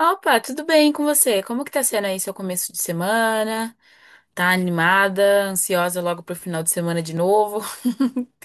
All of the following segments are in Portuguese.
Opa, tudo bem com você? Como que tá sendo aí seu começo de semana? Tá animada, ansiosa logo pro final de semana de novo?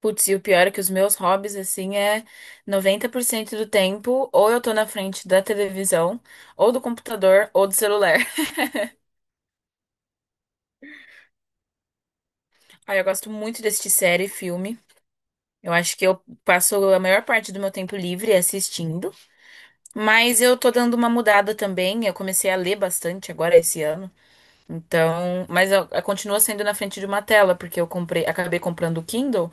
Putz, e o pior é que os meus hobbies, assim, é 90% do tempo, ou eu tô na frente da televisão, ou do computador, ou do celular. Aí eu gosto muito de assistir série e filme. Eu acho que eu passo a maior parte do meu tempo livre assistindo. Mas eu tô dando uma mudada também. Eu comecei a ler bastante agora esse ano. Então, mas continua sendo na frente de uma tela, porque eu comprei, acabei comprando o Kindle,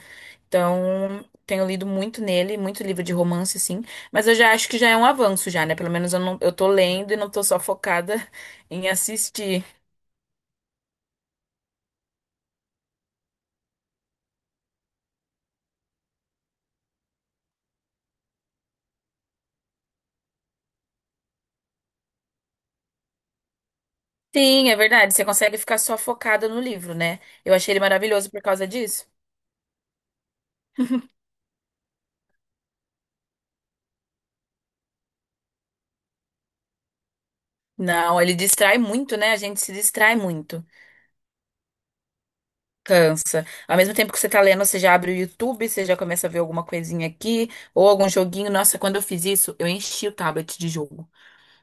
então tenho lido muito nele, muito livro de romance, sim, mas eu já acho que já é um avanço já, né? Pelo menos eu não, eu tô lendo e não tô só focada em assistir. Sim, é verdade, você consegue ficar só focada no livro, né? Eu achei ele maravilhoso por causa disso. Não, ele distrai muito, né? A gente se distrai muito. Cansa. Ao mesmo tempo que você tá lendo, você já abre o YouTube, você já começa a ver alguma coisinha aqui, ou algum joguinho. Nossa, quando eu fiz isso, eu enchi o tablet de jogo.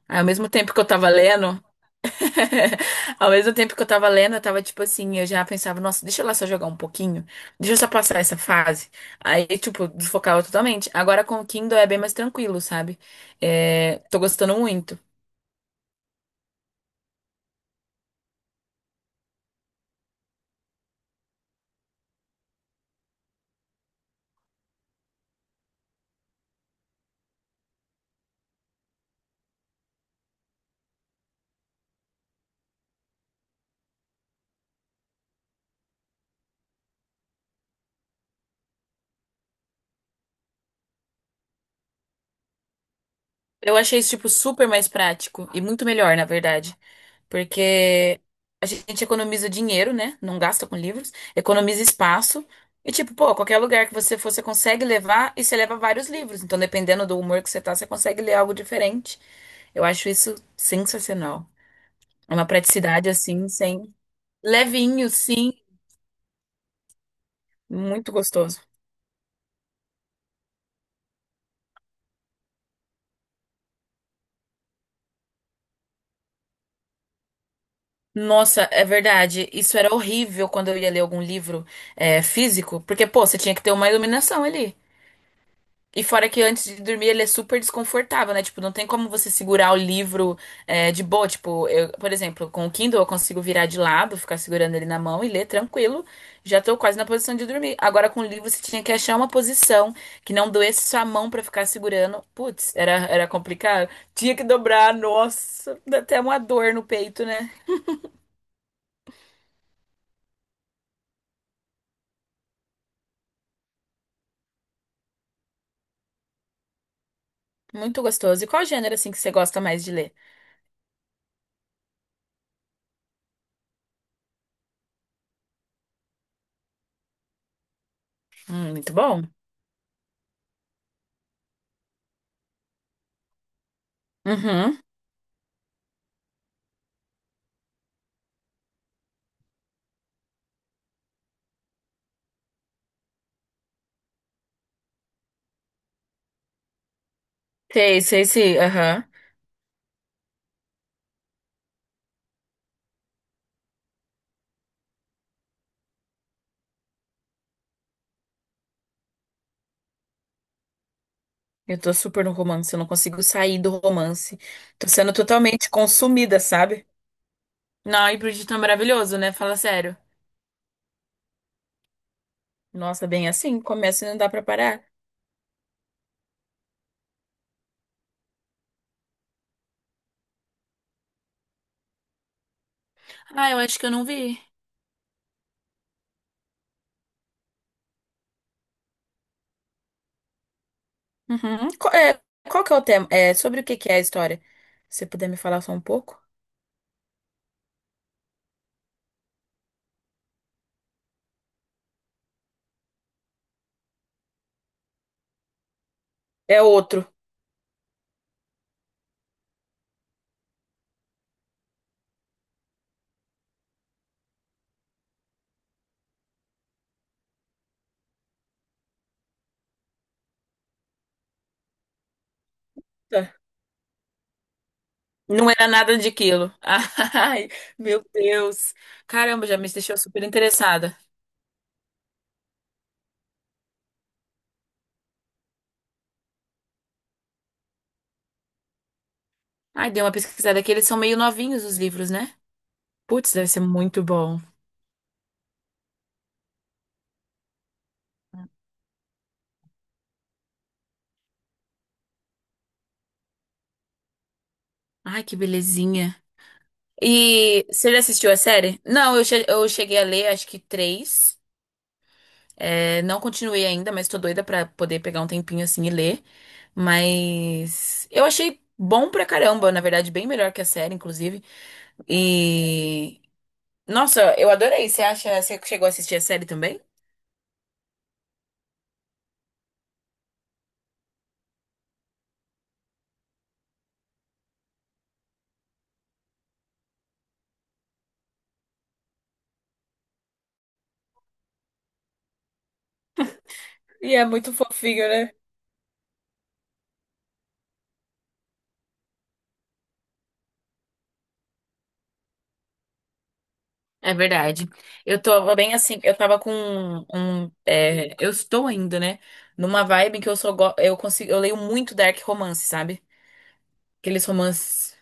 Aí, ao mesmo tempo que eu tava lendo, ao mesmo tempo que eu tava lendo, eu tava tipo assim, eu já pensava, nossa, deixa eu lá só jogar um pouquinho, deixa eu só passar essa fase. Aí, tipo, desfocava totalmente. Agora com o Kindle é bem mais tranquilo, sabe? É, tô gostando muito. Eu achei isso, tipo, super mais prático e muito melhor, na verdade. Porque a gente economiza dinheiro, né? Não gasta com livros, economiza espaço. E, tipo, pô, qualquer lugar que você for, você consegue levar e você leva vários livros. Então, dependendo do humor que você tá, você consegue ler algo diferente. Eu acho isso sensacional. É uma praticidade assim, sem. Levinho, sim, muito gostoso. Nossa, é verdade. Isso era horrível quando eu ia ler algum livro é, físico, porque, pô, você tinha que ter uma iluminação ali. E fora que antes de dormir ele é super desconfortável, né? Tipo, não tem como você segurar o livro é, de boa. Tipo, eu, por exemplo, com o Kindle eu consigo virar de lado, ficar segurando ele na mão e ler tranquilo. Já tô quase na posição de dormir. Agora com o livro você tinha que achar uma posição que não doesse sua mão pra ficar segurando. Putz, era complicado. Tinha que dobrar, nossa, dá até uma dor no peito, né? Muito gostoso. E qual gênero assim que você gosta mais de ler? Muito bom. Uhum. Sei, sei, sei. Aham. Eu tô super no romance, eu não consigo sair do romance. Tô sendo totalmente consumida, sabe? Não, e Bridgerton é maravilhoso, né? Fala sério. Nossa, bem assim, começa e não dá pra parar. Ah, eu acho que eu não vi. Uhum. Qual, é, qual que é o tema? É, sobre o que que é a história? Se você puder me falar só um pouco. É outro. Tá. Não era nada de quilo. Ai, meu Deus. Caramba, já me deixou super interessada. Ai, dei uma pesquisada aqui. Eles são meio novinhos os livros, né? Putz, deve ser muito bom. Ai, que belezinha. E você já assistiu a série? Não, eu, eu cheguei a ler acho que três. É, não continuei ainda, mas tô doida pra poder pegar um tempinho assim e ler. Mas eu achei bom pra caramba, na verdade, bem melhor que a série, inclusive. E nossa, eu adorei. Você acha, você chegou a assistir a série também? E é muito fofinho, né? É verdade. Eu tô bem assim, eu tava com é, eu estou ainda, né, numa vibe que eu só eu consigo, eu leio muito dark romance, sabe? Aqueles romances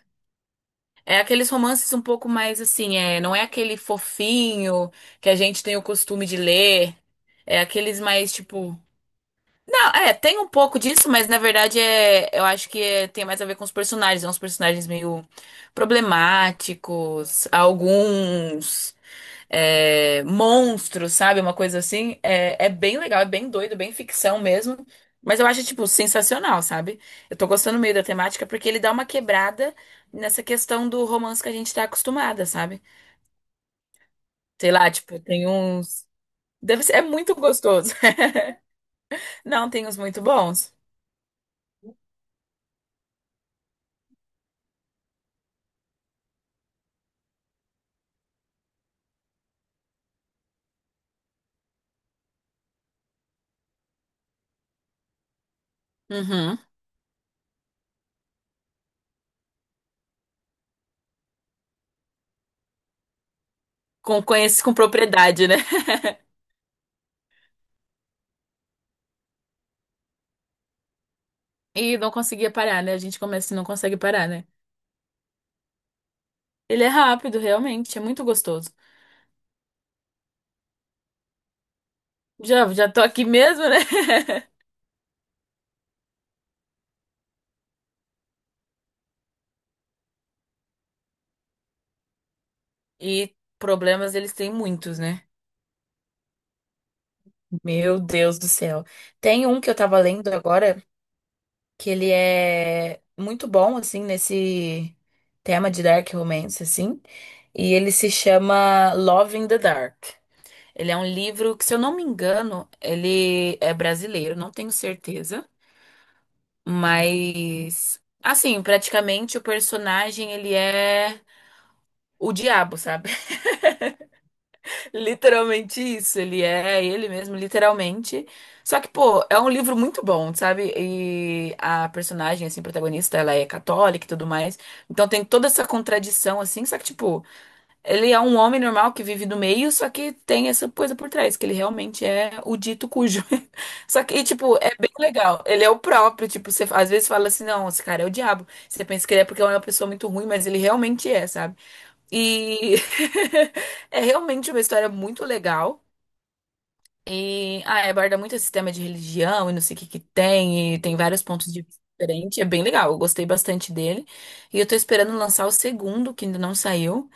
É aqueles romances um pouco mais assim, é, não é aquele fofinho que a gente tem o costume de ler, é aqueles mais tipo, não, é, tem um pouco disso, mas na verdade é, eu acho tem mais a ver com os personagens, é uns personagens meio problemáticos, alguns é, monstros, sabe? Uma coisa assim. É, é bem legal, é bem doido, bem ficção mesmo. Mas eu acho, tipo, sensacional, sabe? Eu tô gostando meio da temática porque ele dá uma quebrada nessa questão do romance que a gente tá acostumada, sabe? Sei lá, tipo, tem uns. Deve ser... É muito gostoso. Não, tem uns muito bons. Uhum. Com, conhece com propriedade, né? E não conseguia parar, né? A gente começa e não consegue parar, né? Ele é rápido, realmente, é muito gostoso. Já tô aqui mesmo, né? E problemas eles têm muitos, né? Meu Deus do céu. Tem um que eu tava lendo agora, que ele é muito bom, assim, nesse tema de dark romance, assim. E ele se chama Love in the Dark. Ele é um livro que, se eu não me engano, ele é brasileiro, não tenho certeza. Mas, assim, praticamente o personagem, ele é o diabo, sabe? Literalmente isso, ele é ele mesmo, literalmente. Só que, pô, é um livro muito bom, sabe? E a personagem, assim, protagonista, ela é católica e tudo mais. Então tem toda essa contradição, assim. Só que, tipo, ele é um homem normal que vive no meio, só que tem essa coisa por trás, que ele realmente é o dito cujo. Só que, e, tipo, é bem legal. Ele é o próprio, tipo, você às vezes fala assim, não, esse cara é o diabo. Você pensa que ele é porque ele é uma pessoa muito ruim, mas ele realmente é, sabe? E é realmente uma história muito legal. E ah, aborda muito esse tema de religião e não sei o que que tem, e tem vários pontos de vista diferentes. É bem legal, eu gostei bastante dele. E eu tô esperando lançar o segundo, que ainda não saiu.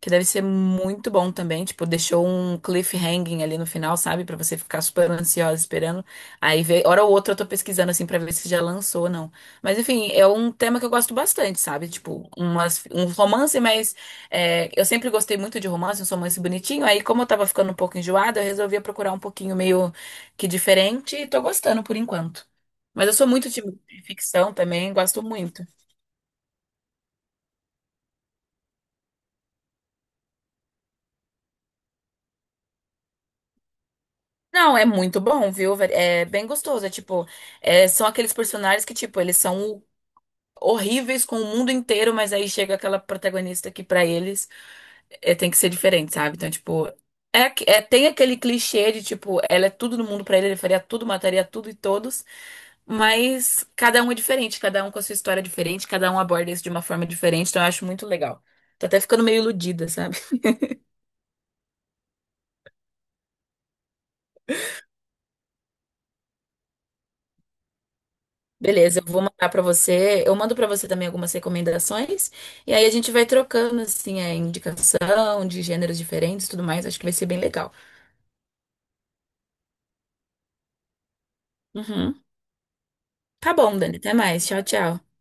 Que deve ser muito bom também. Tipo, deixou um cliffhanging ali no final, sabe? Pra você ficar super ansiosa esperando. Aí, vê, hora ou outra, eu tô pesquisando assim pra ver se já lançou ou não. Mas, enfim, é um tema que eu gosto bastante, sabe? Tipo, umas, um romance, mas é, eu sempre gostei muito de romance, um romance bonitinho. Aí, como eu tava ficando um pouco enjoada, eu resolvia procurar um pouquinho meio que diferente e tô gostando por enquanto. Mas eu sou muito de ficção também, gosto muito. Não, é muito bom, viu? Velho? É bem gostoso. É tipo, é, são aqueles personagens que, tipo, eles são horríveis com o mundo inteiro, mas aí chega aquela protagonista que pra eles é, tem que ser diferente, sabe? Então, tipo, é, tem aquele clichê de, tipo, ela é tudo no mundo pra ele, ele faria tudo, mataria tudo e todos, mas cada um é diferente, cada um com a sua história é diferente, cada um aborda isso de uma forma diferente, então eu acho muito legal. Tô até ficando meio iludida, sabe? Beleza, eu vou mandar pra você. Eu mando pra você também algumas recomendações e aí a gente vai trocando assim a indicação de gêneros diferentes, e tudo mais. Acho que vai ser bem legal. Uhum. Tá bom, Dani. Até mais. Tchau, tchau.